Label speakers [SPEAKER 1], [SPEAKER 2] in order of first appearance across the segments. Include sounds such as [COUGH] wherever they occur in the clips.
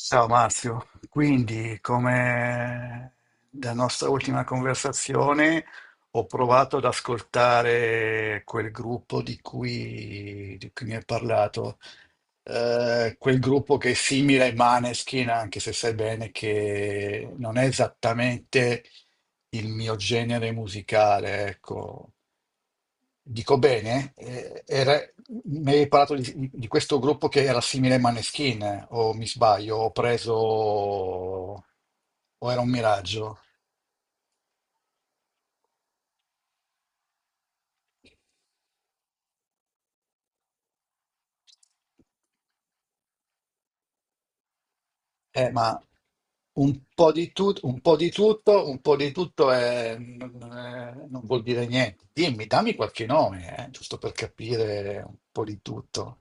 [SPEAKER 1] Ciao Marzio, quindi come da nostra ultima conversazione ho provato ad ascoltare quel gruppo di cui mi hai parlato. Quel gruppo che è simile ai Maneskin, anche se sai bene che non è esattamente il mio genere musicale, ecco. Dico bene? Mi hai parlato di questo gruppo che era simile ai Maneskin, o mi sbaglio, ho preso, o era un miraggio. Ma un po' di tutto, un po' di tutto, un po' di tutto non vuol dire niente. Dimmi, dammi qualche nome, giusto per capire un po' di tutto.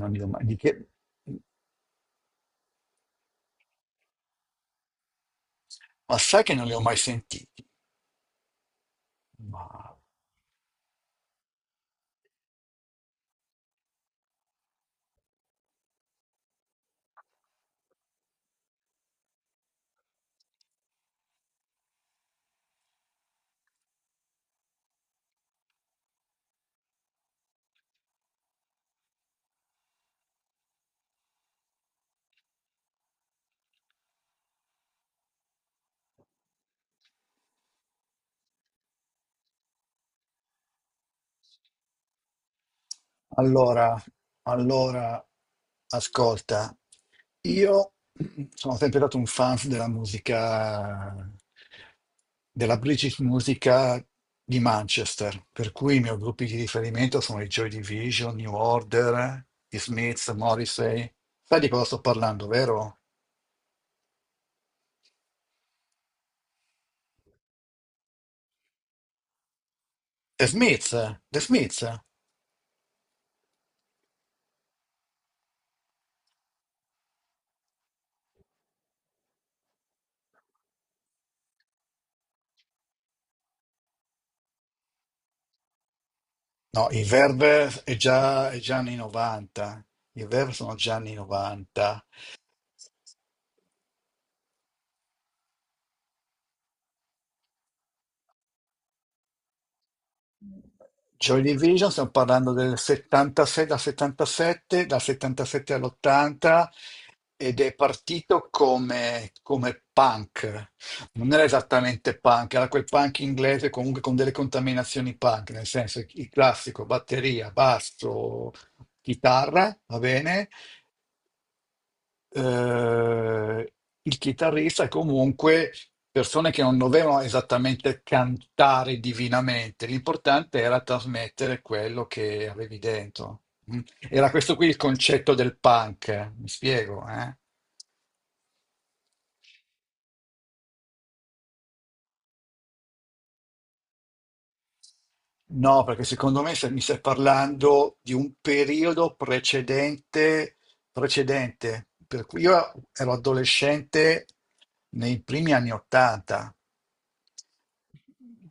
[SPEAKER 1] Non li ho mai, ma sai che non li ho mai sentiti? Ma Allora, allora, ascolta, io sono sempre stato un fan della musica, della British musica di Manchester, per cui i miei gruppi di riferimento sono i Joy Division, New Order, gli Smiths, Morrissey. Sai di cosa sto parlando, vero? The Smiths, The Smiths. No, i Verve è già anni 90, i Verve sono già anni 90. Joy Division, stiamo parlando del 76, dal 77 all'80, ed è partito come punk. Non era esattamente punk, era quel punk inglese comunque con delle contaminazioni punk, nel senso il classico batteria, basso, chitarra, va bene? eh, il chitarrista, comunque, persone che non dovevano esattamente cantare divinamente, l'importante era trasmettere quello che avevi dentro. Mm. Era questo qui il concetto del punk, mi spiego, eh? No, perché secondo me mi stai parlando di un periodo precedente, precedente, per cui io ero adolescente nei primi anni Ottanta.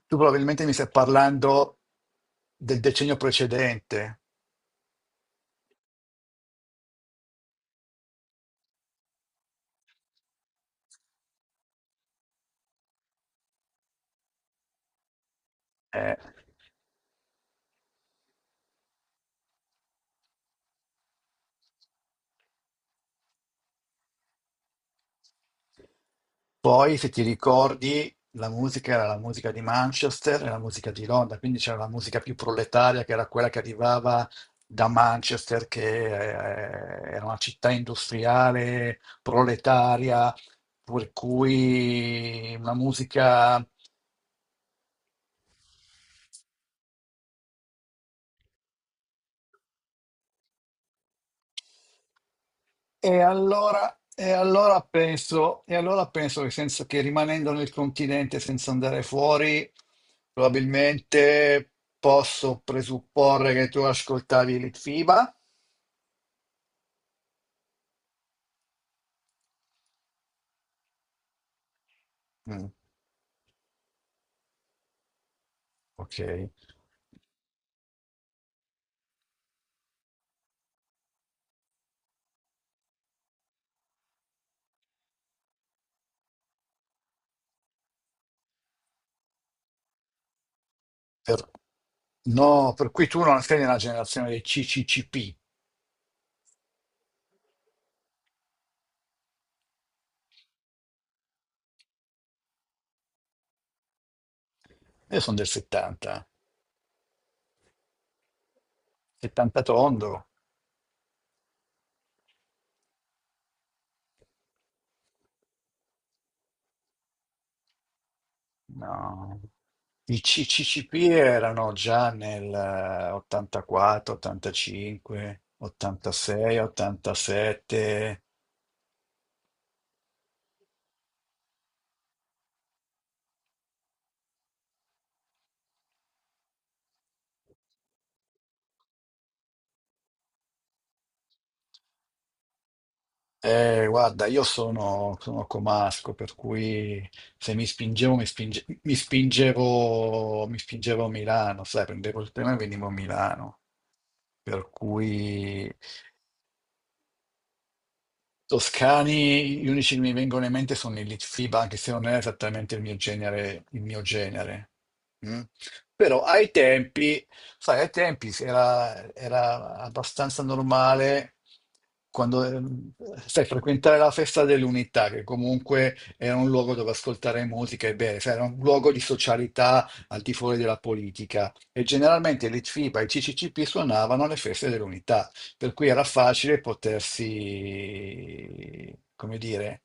[SPEAKER 1] Tu probabilmente mi stai parlando del decennio precedente. eh. Poi, se ti ricordi, la musica era la musica di Manchester e la musica di Londra, quindi c'era la musica più proletaria che era quella che arrivava da Manchester, che era una città industriale, proletaria, per cui una musica... E allora penso che, senza, che rimanendo nel continente senza andare fuori, probabilmente posso presupporre che tu ascoltavi Litfiba. Mm, ok. Per- no, per cui tu non sei nella generazione dei CCCP. Io sono del 70, 70 tondo. No, i CCP erano già nel 84, 85, 86, 87. Guarda, io sono, sono comasco, per cui se mi spingevo, mi spinge- mi spingevo a Milano, sai, prendevo il treno e venivo a Milano. Per cui... Toscani, gli unici che mi vengono in mente sono i Litfiba, anche se non è esattamente il mio genere, il mio genere. Mm. Però ai tempi, sai, ai tempi era, era abbastanza normale quando, sai, frequentare la festa dell'unità, che comunque era un luogo dove ascoltare musica e bere, sai, era un luogo di socialità al di fuori della politica. E generalmente l'I T F i Litfiba e i CCCP suonavano alle feste dell'unità, per cui era facile potersi, come dire...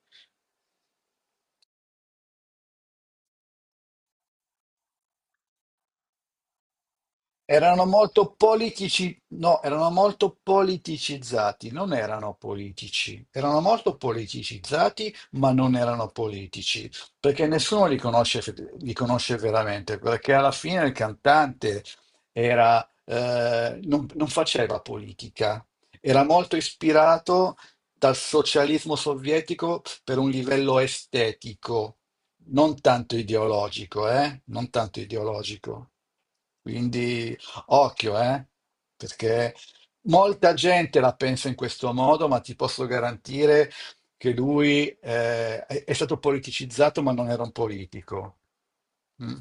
[SPEAKER 1] Erano molto politici, no, erano molto politicizzati, non erano politici, erano molto politicizzati, ma non erano politici, perché nessuno li conosce, li conosce veramente, perché alla fine il cantante era, non, faceva politica, era molto ispirato dal socialismo sovietico per un livello estetico, non tanto ideologico, eh? Non tanto ideologico. Quindi... Occhio, eh? Perché molta gente la pensa in questo modo, ma ti posso garantire che lui è stato politicizzato, ma non era un politico. Mm.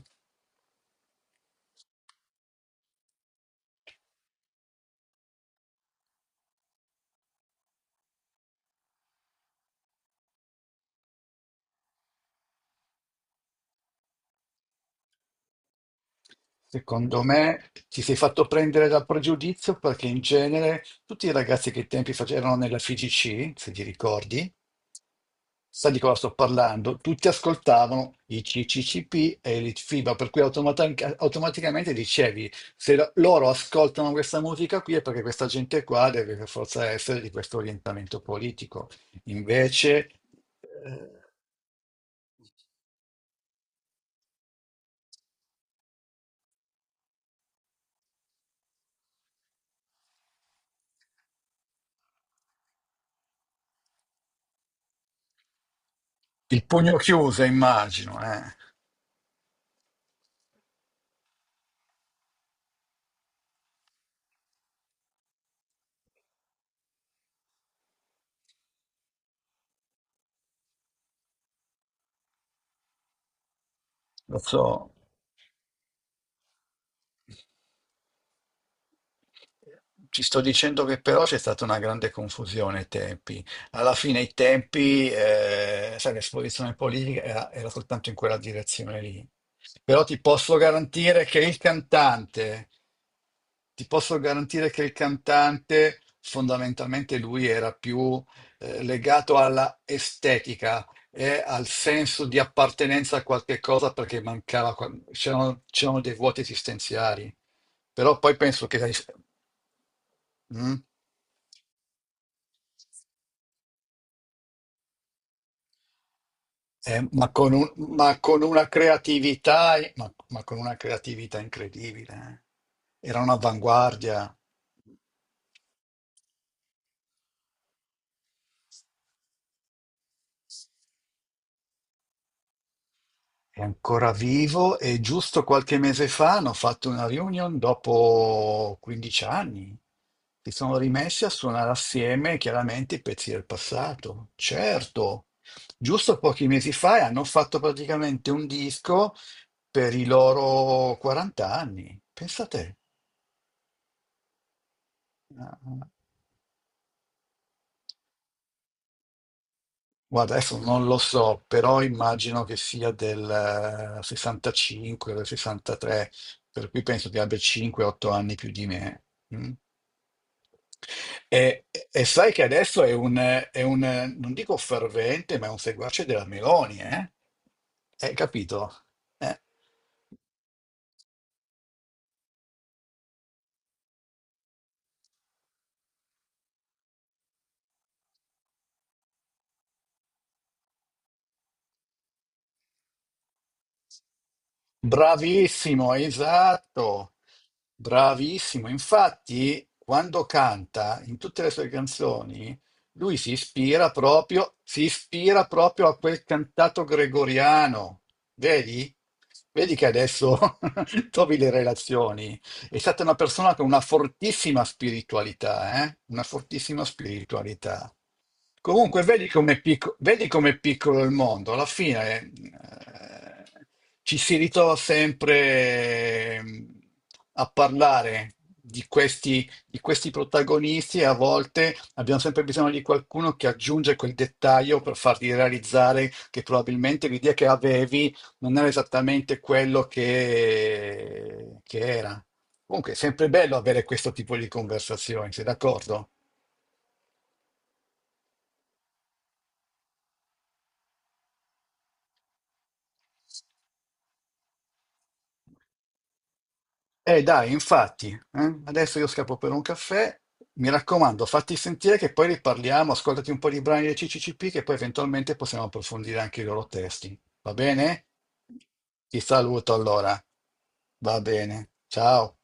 [SPEAKER 1] Secondo me ti sei fatto prendere dal pregiudizio perché in genere tutti i ragazzi che ai tempi facevano nella FIGC, se ti ricordi. Sai di cosa sto parlando? Tutti ascoltavano i CCCP e il FIBA, per cui automaticamente dicevi: se loro ascoltano questa musica qui è perché questa gente qua deve per forza essere di questo orientamento politico. Invece... eh, il pugno chiuso, immagino, eh. Lo so. Ti sto dicendo che però c'è stata una grande confusione ai tempi. Alla fine i tempi, sai, l'esposizione politica era, era soltanto in quella direzione lì. Però ti posso garantire che il cantante, ti posso garantire che il cantante fondamentalmente lui era più legato alla estetica e al senso di appartenenza a qualche cosa perché mancava, c'erano dei vuoti esistenziali. Però poi penso che... mm, ma, ma con una creatività, ma con una creatività incredibile. Era un'avanguardia. È ancora vivo e giusto qualche mese fa hanno fatto una reunion dopo 15 anni. Si sono rimessi a suonare assieme, chiaramente, i pezzi del passato. Certo, giusto pochi mesi fa, e hanno fatto praticamente un disco per i loro 40 anni. Pensate. Ah... Guarda, adesso non lo so, però immagino che sia del 65 o del 63, per cui penso che abbia 5-8 anni più di me. Mm. E, e sai che adesso è un, è un, non dico fervente, ma è un seguace della Meloni, eh? Hai capito? Eh. Bravissimo, esatto, bravissimo. Infatti, quando canta in tutte le sue canzoni, lui si ispira proprio a quel cantato gregoriano. Vedi? Vedi che adesso [LAUGHS] trovi le relazioni. È stata una persona con una fortissima spiritualità, eh? Una fortissima spiritualità. Comunque, vedi com'è vedi com'è piccolo il mondo. Alla fine ci si ritrova sempre eh, a parlare di questi protagonisti, e a volte abbiamo sempre bisogno di qualcuno che aggiunge quel dettaglio per farti realizzare che probabilmente l'idea che avevi non era esattamente quello che era. Comunque è sempre bello avere questo tipo di conversazioni, sei d'accordo? Dai, infatti, adesso io scappo per un caffè. Mi raccomando, fatti sentire, che poi riparliamo. Ascoltati un po' di brani del CCCP, che poi eventualmente possiamo approfondire anche i loro testi, va bene? Ti saluto allora, va bene, ciao.